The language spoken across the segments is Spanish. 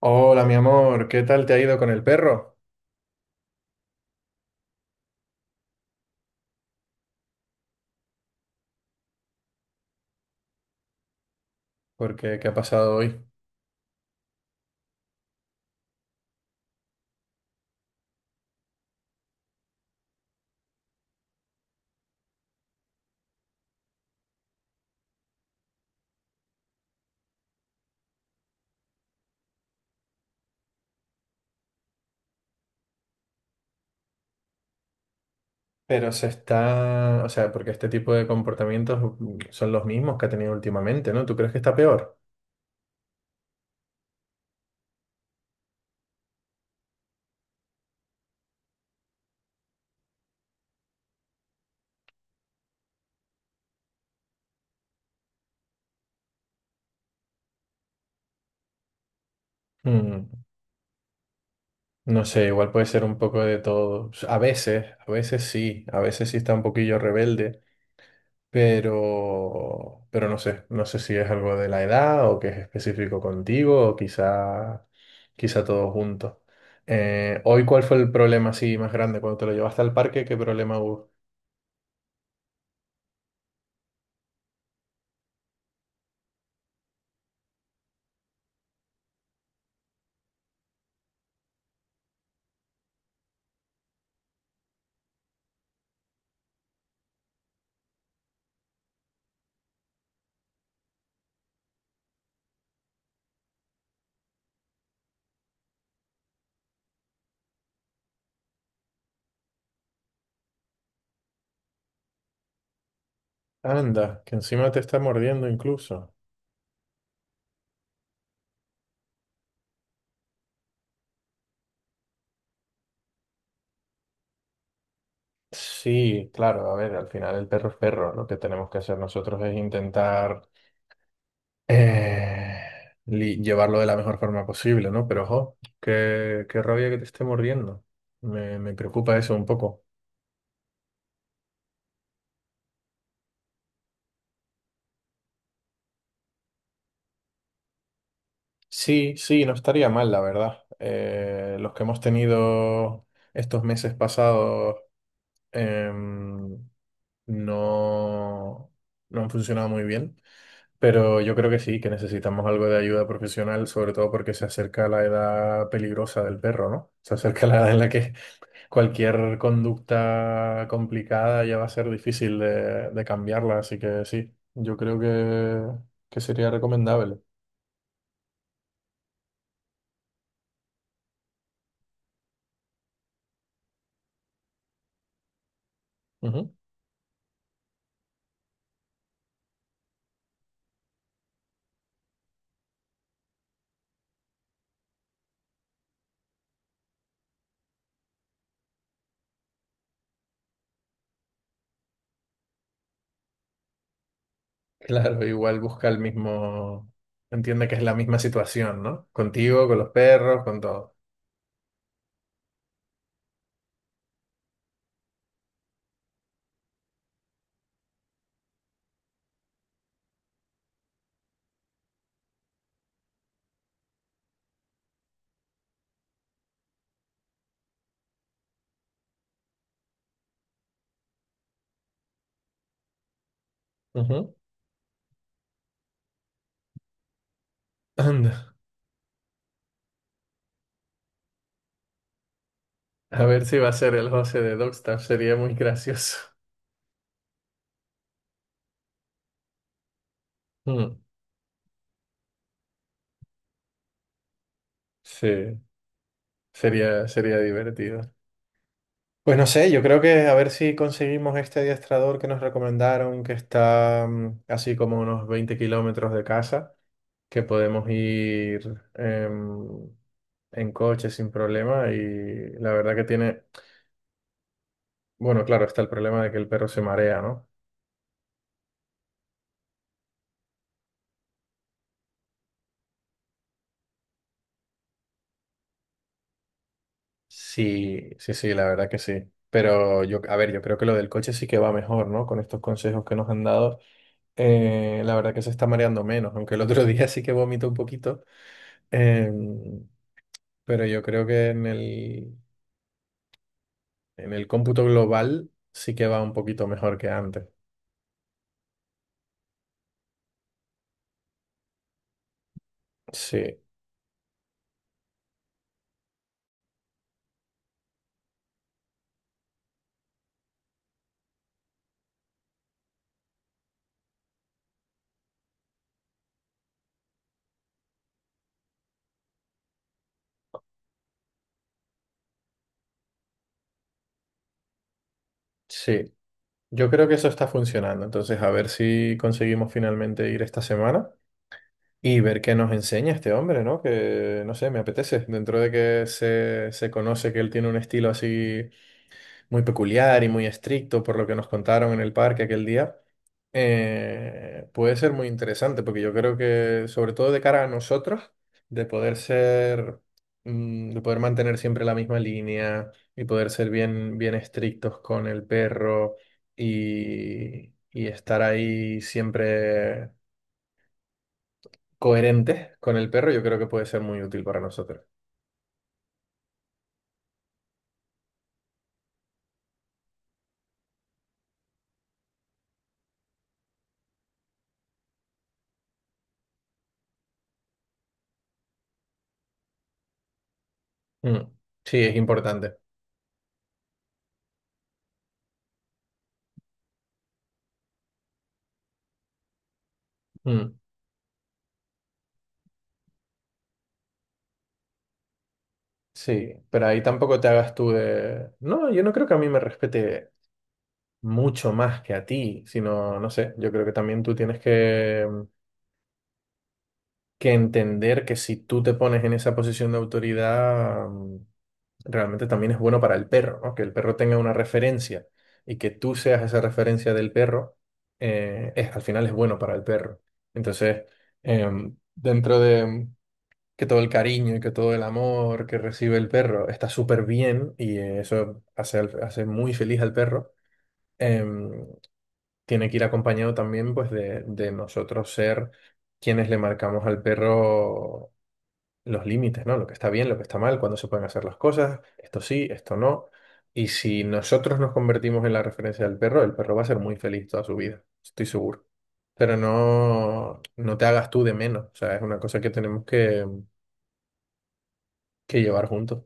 Hola, mi amor, ¿qué tal te ha ido con el perro? Porque, ¿qué ha pasado hoy? Pero se está, o sea, porque este tipo de comportamientos son los mismos que ha tenido últimamente, ¿no? ¿Tú crees que está peor? Mm, no sé, igual puede ser un poco de todo. A veces sí está un poquillo rebelde, pero no sé, no sé si es algo de la edad o que es específico contigo o quizá, quizá todo junto. Hoy, ¿cuál fue el problema así más grande cuando te lo llevaste al parque? ¿Qué problema hubo? Anda, que encima te está mordiendo incluso. Sí, claro, a ver, al final el perro es perro. Lo que tenemos que hacer nosotros es intentar eh, llevarlo de la mejor forma posible, ¿no? Pero ojo, qué rabia que te esté mordiendo. Me preocupa eso un poco. Sí, sí, no estaría mal, la verdad. Los que hemos tenido estos meses pasados em, no, no han funcionado muy bien. Pero yo creo que sí, que necesitamos algo de ayuda profesional, sobre todo porque se acerca la edad peligrosa del perro, ¿no? Se acerca la edad en la que cualquier conducta complicada ya va a ser difícil de cambiarla, así que sí, yo creo que sería recomendable. Ujú. Claro, igual busca el mismo, entiende que es la misma situación, ¿no? Contigo, con los perros, con todo. Ujú. Anda, a ver si va a ser el José de Dogstaff, sería muy gracioso. Mm. Sí. Sería, sería divertido. Pues no sé, yo creo que a ver si conseguimos este adiestrador que nos recomendaron, que está así como unos 20 kilómetros de casa, que podemos ir en coche sin problema y la verdad que tiene, bueno, claro, está el problema de que el perro se marea, ¿no? Sí, sí, sí, la verdad que sí. Pero yo, a ver, yo creo que lo del coche sí que va mejor, ¿no? Con estos consejos que nos han dado, la verdad que se está mareando menos, aunque el otro día sí que vomitó un poquito. Em, pero yo creo que en el cómputo global sí que va un poquito mejor que antes. Sí, sí. Yo creo que eso está funcionando. Entonces, a ver si conseguimos finalmente ir esta semana y ver qué nos enseña este hombre, ¿no? Que, no sé, me apetece. Dentro de que se conoce que él tiene un estilo así muy peculiar y muy estricto por lo que nos contaron en el parque aquel día. Puede ser muy interesante, porque yo creo que, sobre todo de cara a nosotros, de poder ser, de poder mantener siempre la misma línea y poder ser bien, bien estrictos con el perro y estar ahí siempre coherentes con el perro, yo creo que puede ser muy útil para nosotros. Mm. Sí, es importante. Mm. Sí, pero ahí tampoco te hagas tú de... No, yo no creo que a mí me respete mucho más que a ti, sino, no sé, yo creo que también tú tienes que entender que si tú te pones en esa posición de autoridad, realmente también es bueno para el perro, ¿no? Que el perro tenga una referencia y que tú seas esa referencia del perro, es, al final es bueno para el perro. Entonces, dentro de que todo el cariño y que todo el amor que recibe el perro está súper bien y eso hace, hace muy feliz al perro em, tiene que ir acompañado también pues de nosotros ser quienes le marcamos al perro los límites, ¿no? Lo que está bien, lo que está mal, cuándo se pueden hacer las cosas, esto sí, esto no. Y si nosotros nos convertimos en la referencia del perro, el perro va a ser muy feliz toda su vida, estoy seguro. Pero no, no te hagas tú de menos, o sea, es una cosa que tenemos que llevar juntos.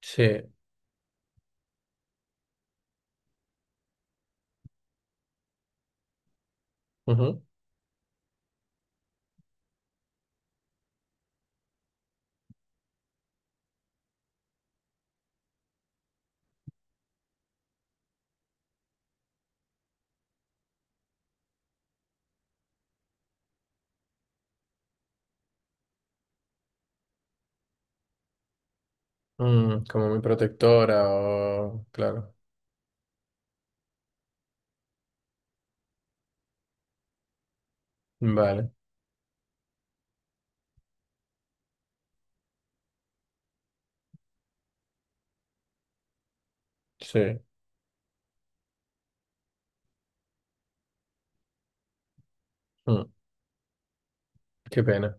Sí, ujú. Como muy protectora o... Claro, vale, sí, Mm, qué pena.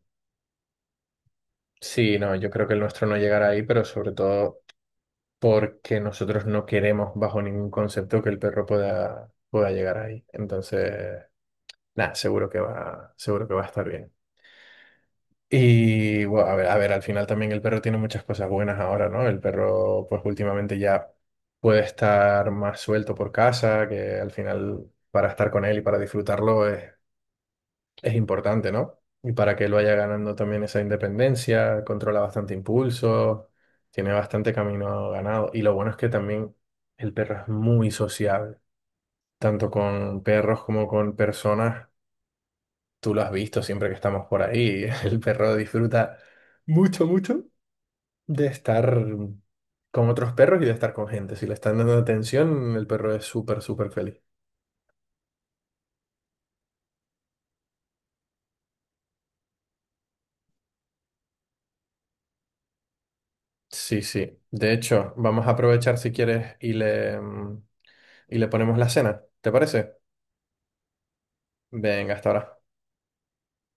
Sí, no, yo creo que el nuestro no llegará ahí, pero sobre todo porque nosotros no queremos bajo ningún concepto que el perro pueda, pueda llegar ahí. Entonces, nada, seguro que va a estar bien. Y bueno, a ver, al final también el perro tiene muchas cosas buenas ahora, ¿no? El perro, pues últimamente ya puede estar más suelto por casa, que al final para estar con él y para disfrutarlo es importante, ¿no? Y para que lo vaya ganando también esa independencia, controla bastante impulso, tiene bastante camino ganado. Y lo bueno es que también el perro es muy sociable, tanto con perros como con personas. Tú lo has visto siempre que estamos por ahí. El perro disfruta mucho, mucho de estar con otros perros y de estar con gente. Si le están dando atención, el perro es súper, súper feliz. Sí, sí. De hecho, vamos a aprovechar si quieres y le ponemos la cena. ¿Te parece? Venga, hasta ahora.